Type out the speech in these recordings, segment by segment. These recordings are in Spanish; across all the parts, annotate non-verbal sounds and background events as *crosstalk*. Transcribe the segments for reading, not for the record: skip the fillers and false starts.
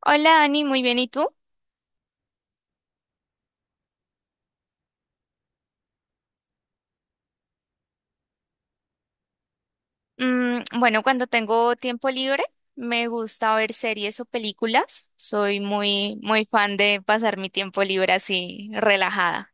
Hola Ani, muy bien, ¿y tú? Mm, bueno, cuando tengo tiempo libre me gusta ver series o películas. Soy muy, muy fan de pasar mi tiempo libre así relajada.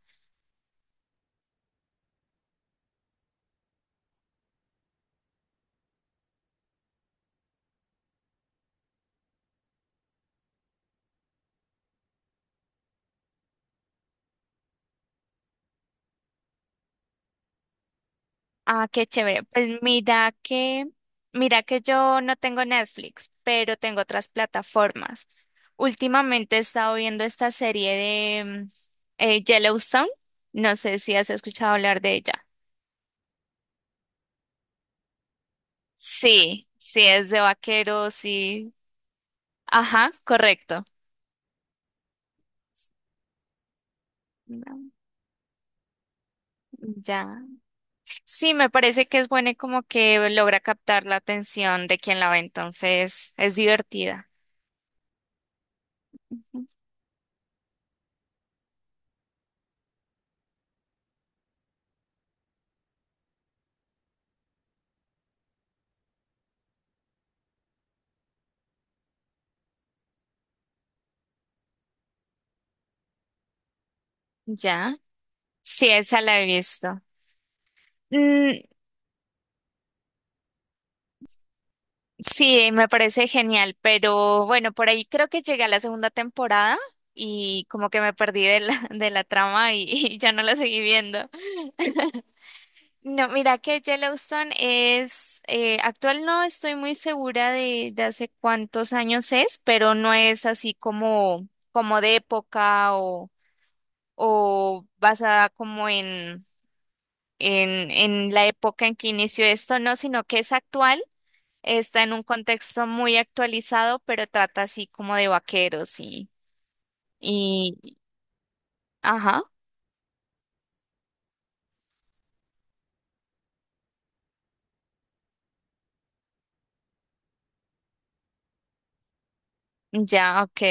Ah, qué chévere. Pues mira que yo no tengo Netflix, pero tengo otras plataformas. Últimamente he estado viendo esta serie de Yellowstone. No sé si has escuchado hablar de ella. Sí, sí es de vaqueros y... Ajá, correcto. Ya. Sí, me parece que es buena y como que logra captar la atención de quien la ve, entonces es divertida. Ujú. Ya. Sí, esa la he visto. Mm, sí, me parece genial, pero bueno, por ahí creo que llegué a la segunda temporada y como que me perdí de la trama y *laughs* y ya no la seguí viendo. No, mira que Yellowstone es, actual, no estoy muy segura de hace cuántos años es, pero no es así como, como de época o basada como en la época en que inició esto, no, sino que es actual, está en un contexto muy actualizado, pero trata así como de vaqueros y, ajá, ya, ok.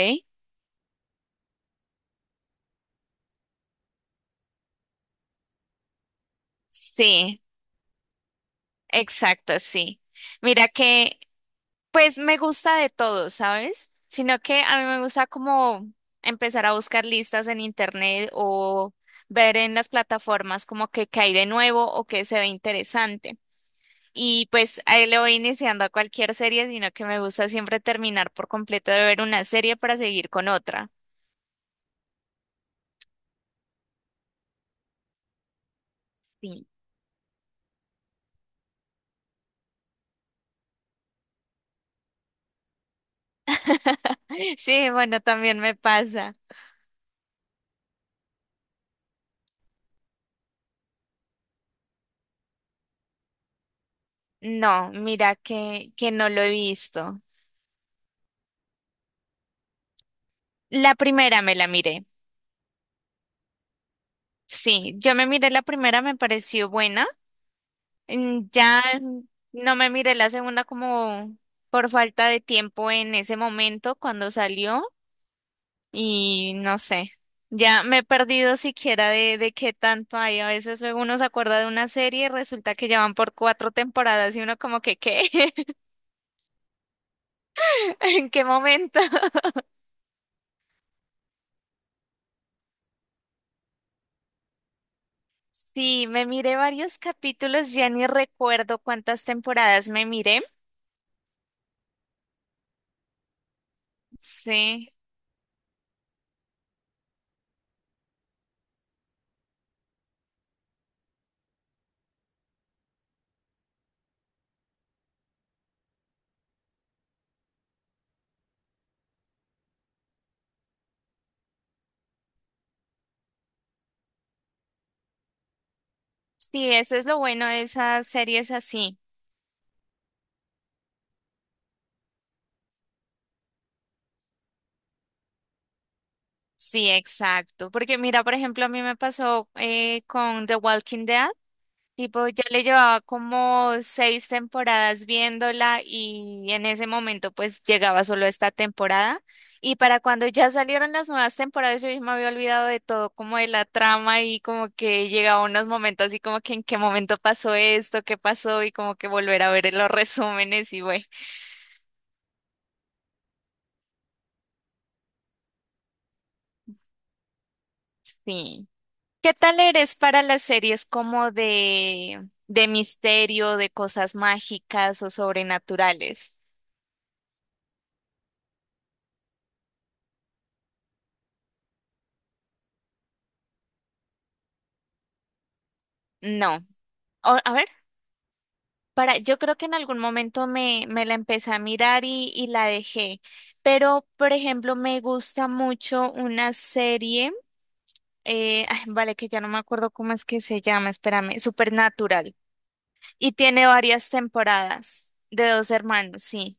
Sí, exacto, sí. Mira que pues me gusta de todo, ¿sabes? Sino que a mí me gusta como empezar a buscar listas en internet o ver en las plataformas como que qué hay de nuevo o que se ve interesante. Y pues ahí le voy iniciando a cualquier serie, sino que me gusta siempre terminar por completo de ver una serie para seguir con otra. Sí. *laughs* Sí, bueno, también me pasa. No, mira que no lo he visto. La primera me la miré. Sí, yo me miré la primera, me pareció buena. Mm, ya no me miré la segunda como por falta de tiempo en ese momento cuando salió y no sé, ya me he perdido siquiera de qué tanto hay. A veces luego uno se acuerda de una serie y resulta que ya van por cuatro temporadas y uno como que, ¿qué? *laughs* ¿En qué momento? *laughs* Sí, me miré varios capítulos, ya ni recuerdo cuántas temporadas me miré. Sí, sí, eso es lo bueno de esas series así. Sí, exacto. Porque mira, por ejemplo, a mí me pasó con The Walking Dead. Tipo, ya le llevaba como seis temporadas viéndola y en ese momento pues llegaba solo esta temporada. Y para cuando ya salieron las nuevas temporadas yo ya me había olvidado de todo, como de la trama y como que llegaba unos momentos así como que en qué momento pasó esto, qué pasó y como que volver a ver los *laughs* resúmenes y güey. Sí. ¿Qué tal eres para las series como de misterio, de cosas mágicas o sobrenaturales? No. O- a ver, para, yo creo que en algún momento me la empecé a mirar y la dejé. Pero, por ejemplo, me gusta mucho una serie, ay, vale, que ya no me acuerdo cómo es que se llama, espérame, Supernatural. Y tiene varias temporadas de dos hermanos, sí.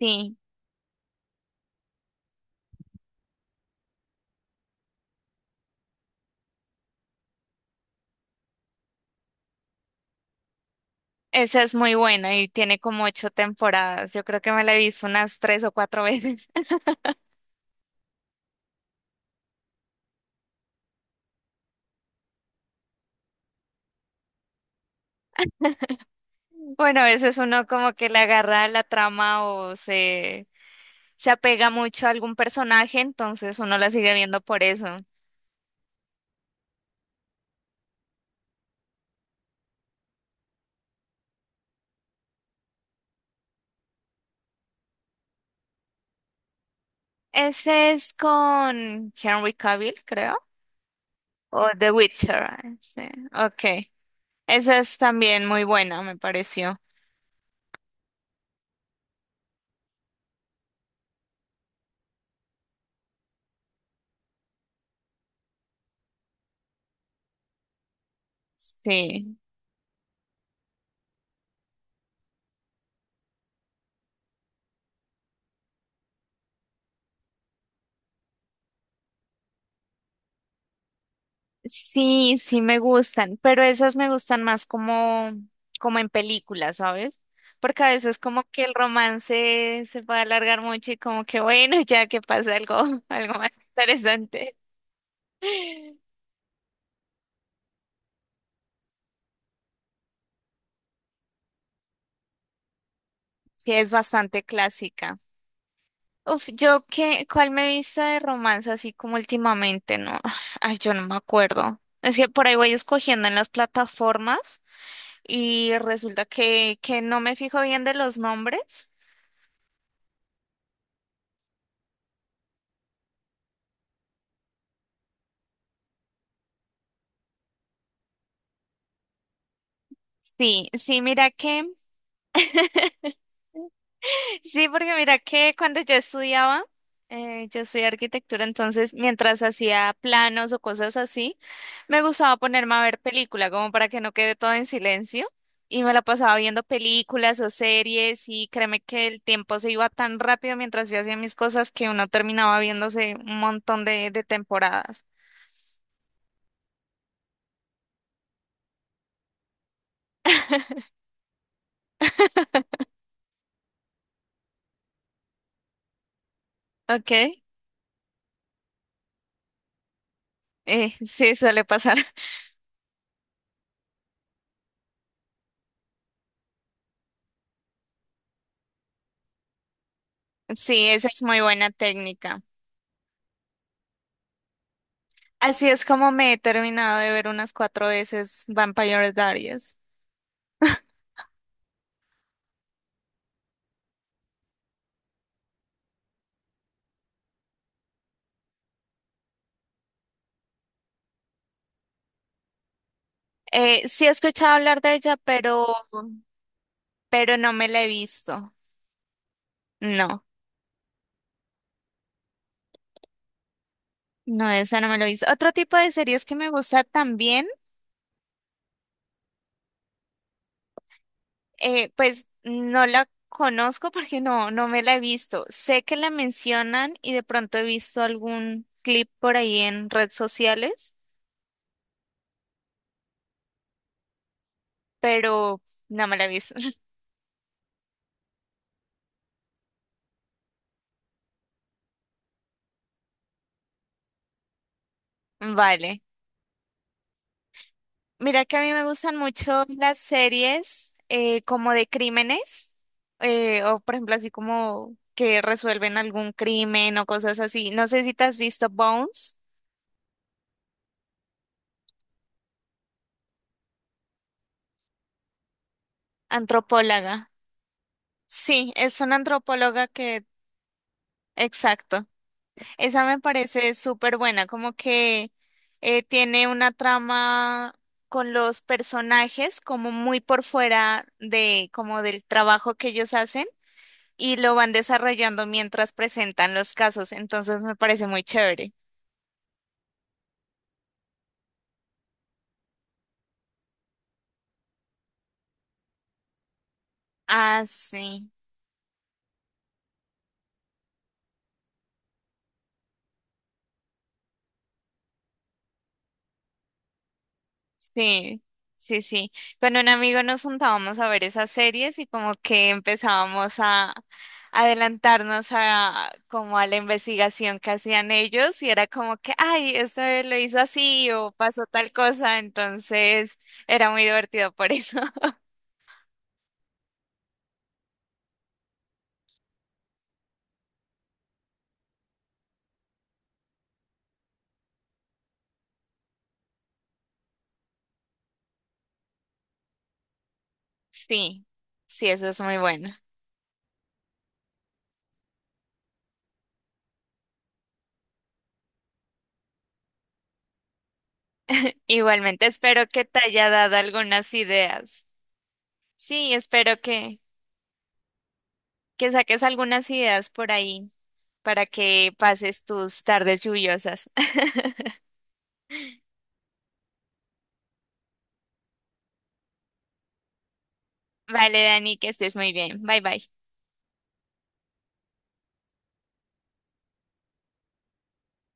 Sí, esa es muy buena y tiene como ocho temporadas. Yo creo que me la he visto unas tres o cuatro veces. *laughs* Bueno, a veces uno como que le agarra la trama o se apega mucho a algún personaje, entonces uno la sigue viendo por eso. Ese es con Henry Cavill, creo, o The Witcher. Ah, sí. Ok. Esa es también muy buena, me pareció. Sí. Sí, sí me gustan, pero esas me gustan más como, como en películas, ¿sabes? Porque a veces como que el romance se puede alargar mucho y como que bueno, *laughs* ya que pasa algo, *laughs* algo más interesante. Sí, es bastante clásica. Uf, yo qué, ¿cuál me he visto de romance así como últimamente? No, *sighs* ay, yo no me acuerdo. Es que por ahí voy escogiendo en las plataformas y resulta que no me fijo bien de los nombres. Sí, sí, mira que sí, porque mira que cuando yo estudiaba, yo estudié arquitectura, entonces mientras hacía planos o cosas así, me gustaba ponerme a ver película, como para que no quede todo en silencio. Y me la pasaba viendo películas o series y créeme que el tiempo se iba tan rápido mientras yo hacía mis cosas que uno terminaba viéndose un montón de temporadas. Ok, *laughs* sí, suele pasar. *laughs* Sí, esa es muy buena técnica. Así es como me he terminado de ver unas cuatro veces Vampire Diaries. Sí he escuchado hablar de ella, pero no me la he visto. No, no, esa no me la he visto. Otro tipo de series que me gusta también, pues no la conozco porque no, no me la he visto. Sé que la mencionan y de pronto he visto algún clip por ahí en redes sociales, pero no me la he visto. *laughs* Vale. Mira que a mí me gustan mucho las series como de crímenes, o por ejemplo así como que resuelven algún crimen o cosas así. No sé si te has visto Bones, antropóloga. Sí, es una antropóloga que, exacto, esa me parece súper buena, como que tiene una trama con los personajes como muy por fuera de como del trabajo que ellos hacen y lo van desarrollando mientras presentan los casos, entonces me parece muy chévere. Ah, sí, sí, sí, sí. Con un amigo nos juntábamos a ver esas series y como que empezábamos a adelantarnos a como a la investigación que hacían ellos y era como que, ay, esto lo hizo así o pasó tal cosa, entonces era muy divertido por eso. *laughs* Sí, sí, eso es muy bueno. Igualmente espero que te haya dado algunas ideas. Sí, espero que saques algunas ideas por ahí para que pases tus tardes lluviosas. *laughs* Vale, Dani, que estés muy bien. Bye bye.